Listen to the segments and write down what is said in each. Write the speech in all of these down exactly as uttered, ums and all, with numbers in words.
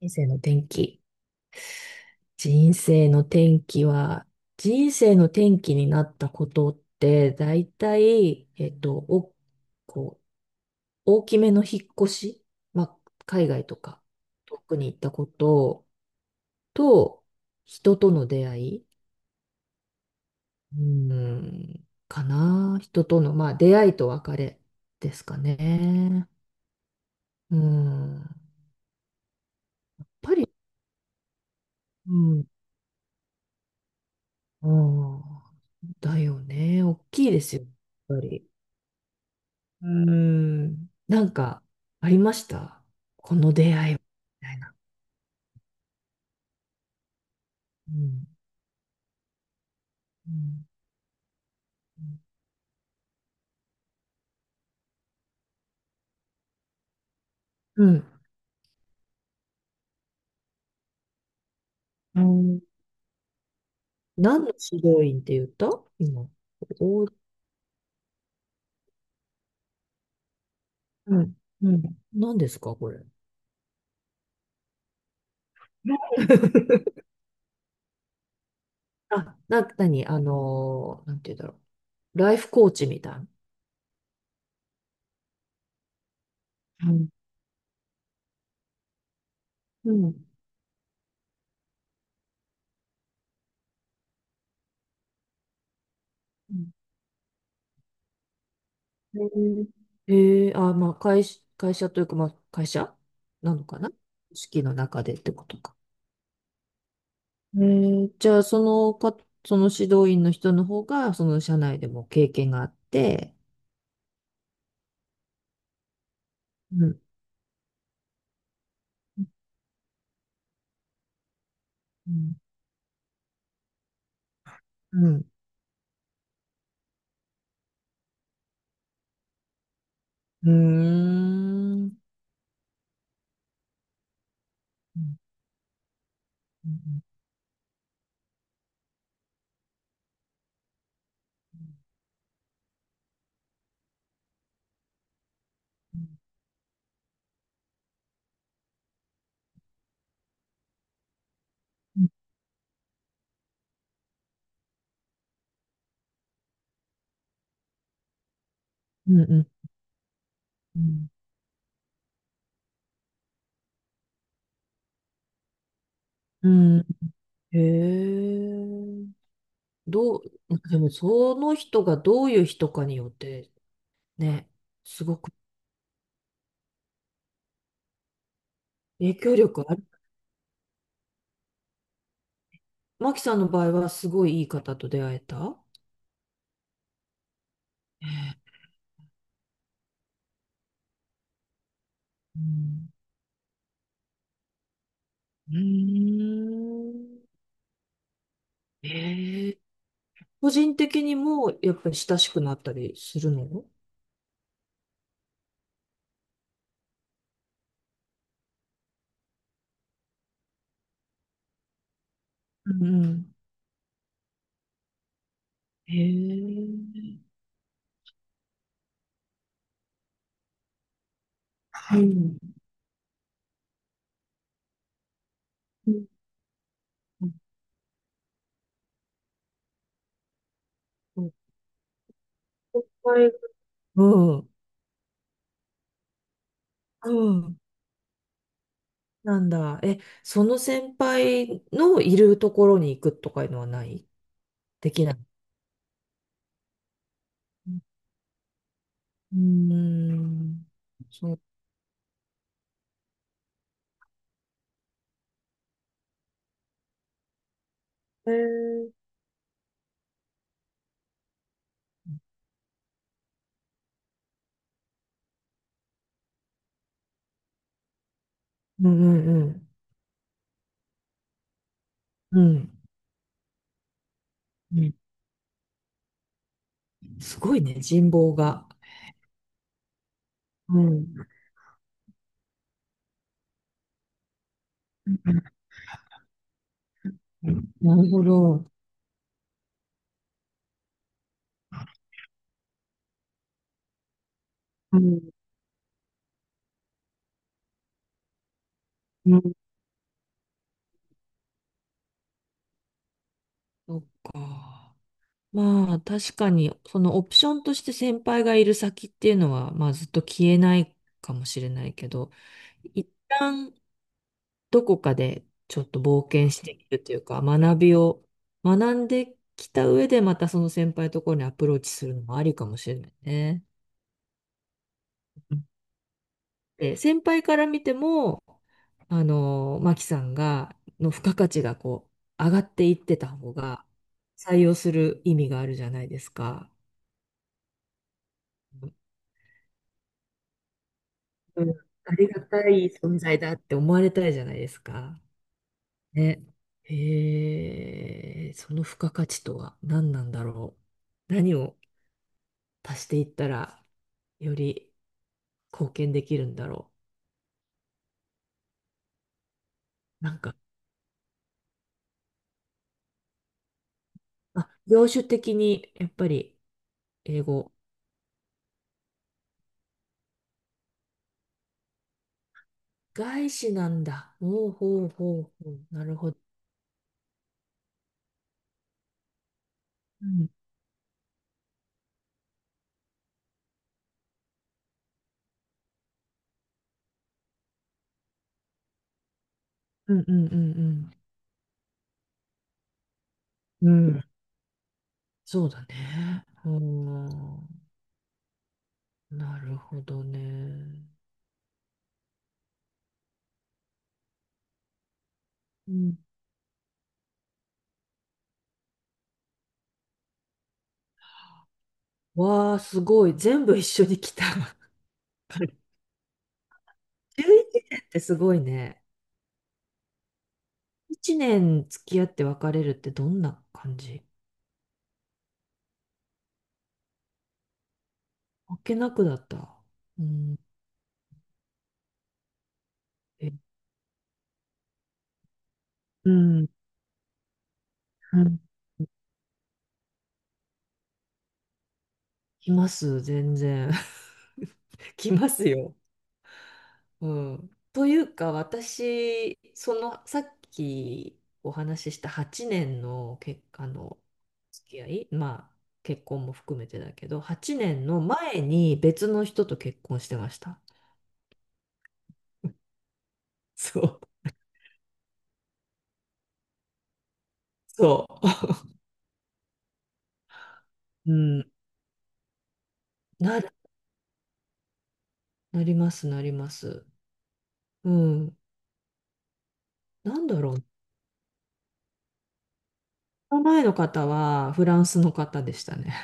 人生の転機。人生の転機は、人生の転機になったことって、だいたい、えっと、お、こう、大きめの引っ越し、まあ、海外とか、遠くに行ったことと、人との出会い、うん、かな。人との、まあ、出会いと別れですかね。うん。やっぱり、うん、うん、だよね。大きいですよ。やっぱり。うーん。なんか、ありましたこの出会いはみたいな。うん。うん。うんうん。何の指導員って言った今。お、うん。うん。何ですかこれ。あ、な、なに、あのーなんて言うんだろう。ライフコーチみたいな。うんうん。へええーあ、まあ、会社、会社というか、まあ、会社なのかな。組織の中でってことか。えーじゃあ、そのか、その指導員の人の方が、その社内でも経験があって、うん、うん、うん、うーん、うん、うん、うん、うん、うん。へえ、どう、でも、その人がどういう人かによって、ね、すごく影響力ある。マキさんの場合は、すごいいい方と出会えた。ええ、うん、うーん、ええ。個人的にもやっぱり親しくなったりするの。うんうん。へえ。うん。うんうん。先輩。うん。うん。なんだ。え、その先輩のいるところに行くとかいうのはない。できない。うーん。そう。へえ。うんうんうん。うん。うん。すごいね、人望が。うん。なるほど。うん。うん。そっか。まあ確かに、そのオプションとして先輩がいる先っていうのは、まあずっと消えないかもしれないけど、一旦どこかでちょっと冒険しているというか、学びを学んできた上でまたその先輩のところにアプローチするのもありかもしれないね。で、先輩から見ても、あの、マキさんが、の付加価値がこう、上がっていってた方が、採用する意味があるじゃないですか。うん、ありがたい存在だって思われたいじゃないですか。ね。へえ、その付加価値とは何なんだろう。何を足していったらより貢献できるんだろう。なんか、あ、業種的にやっぱり英語。外資なんだ。ほうほうほうほう。なるほど。うん、うんうんうんうん。うん。そうだね。うん。なるほどね。うん。わあ、すごい。全部一緒に来た。じゅういちねんってすごいね。いちねん付き合って別れるってどんな感じ。あっけなくだった。うん。え、うん。うん。来ます、全然。来ますよ。うん。というか、私、その、さっきお話ししたはちねんの結果の付き合い、まあ、結婚も含めてだけど、はちねんの前に別の人と結婚してました。そう。そう。うん。なる、なります、なります。うん。なんだろう。その前の方はフランスの方でしたね。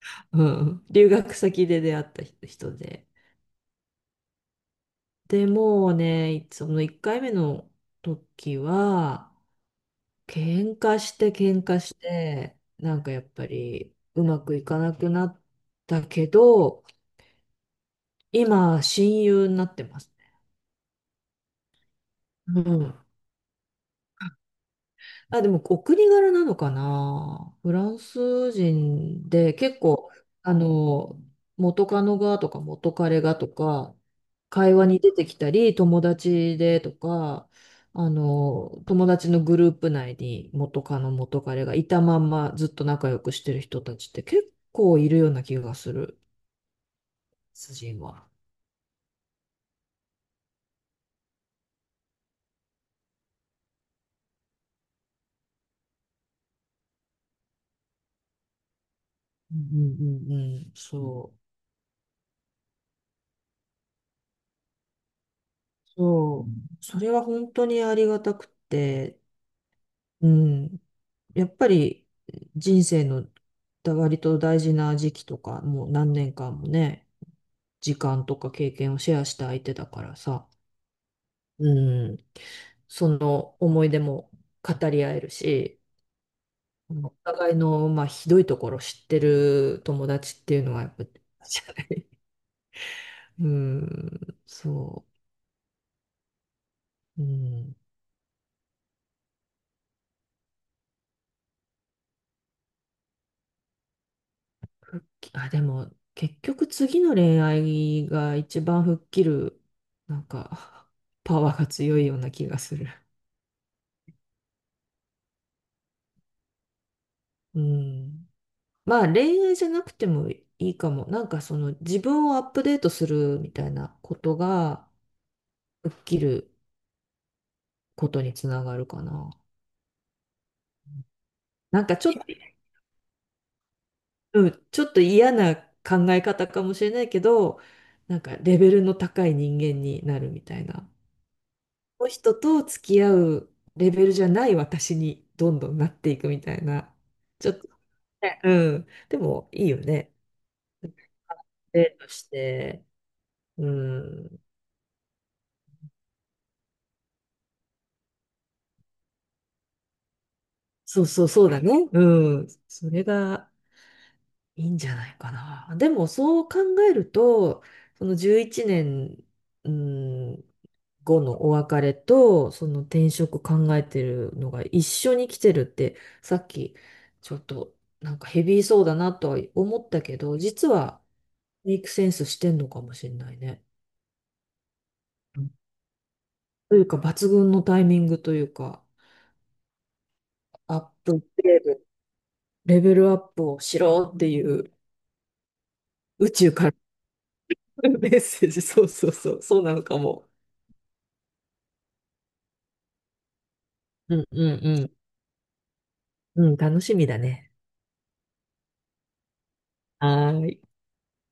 うん。留学先で出会った人で。でもうね、そのいっかいめの時は、喧嘩して喧嘩して、なんかやっぱりうまくいかなくなったけど、今、親友になってますね。うん。あ、でもお国柄なのかな。フランス人で結構、あの、元カノがとか元彼がとか、会話に出てきたり、友達でとか、あの、友達のグループ内に元カノ元彼がいたまんまずっと仲良くしてる人たちって結構いるような気がする、主人は。うんうんうんうん、そう。そう。それは本当にありがたくて、うん。やっぱり人生のだ割と大事な時期とか、もう何年間もね、時間とか経験をシェアした相手だからさ、うん、その思い出も語り合えるし、お互いの、まあ、ひどいところ知ってる友達っていうのはやっぱ、じゃない。うん、そう。うん、復帰、あ、でも結局次の恋愛が一番吹っ切る、なんか、パワーが強いような気がする。うん。まあ恋愛じゃなくてもいいかも。なんかその自分をアップデートするみたいなことが吹っ切ることにつながるかな。なんかちょっと、うん、ちょっと嫌な考え方かもしれないけど、なんかレベルの高い人間になるみたいな。この人と付き合うレベルじゃない私にどんどんなっていくみたいな。ちょっと、ね、うん。でもいいよね。デートして、うん。そうそう、そうだね。うん。それがいいんじゃないかな。でも、そう考えると、そのじゅういちねん、うん、後のお別れと、その転職考えてるのが一緒に来てるって、さっき、ちょっと、なんかヘビーそうだなとは思ったけど、実は、メイクセンスしてんのかもしれないね。うん。というか、抜群のタイミングというか、アップグレード、レベルアップをしろっていう、宇宙から メッセージ、そうそうそう、そうなのかも。うんうんうん。うん、楽しみだね。はーい。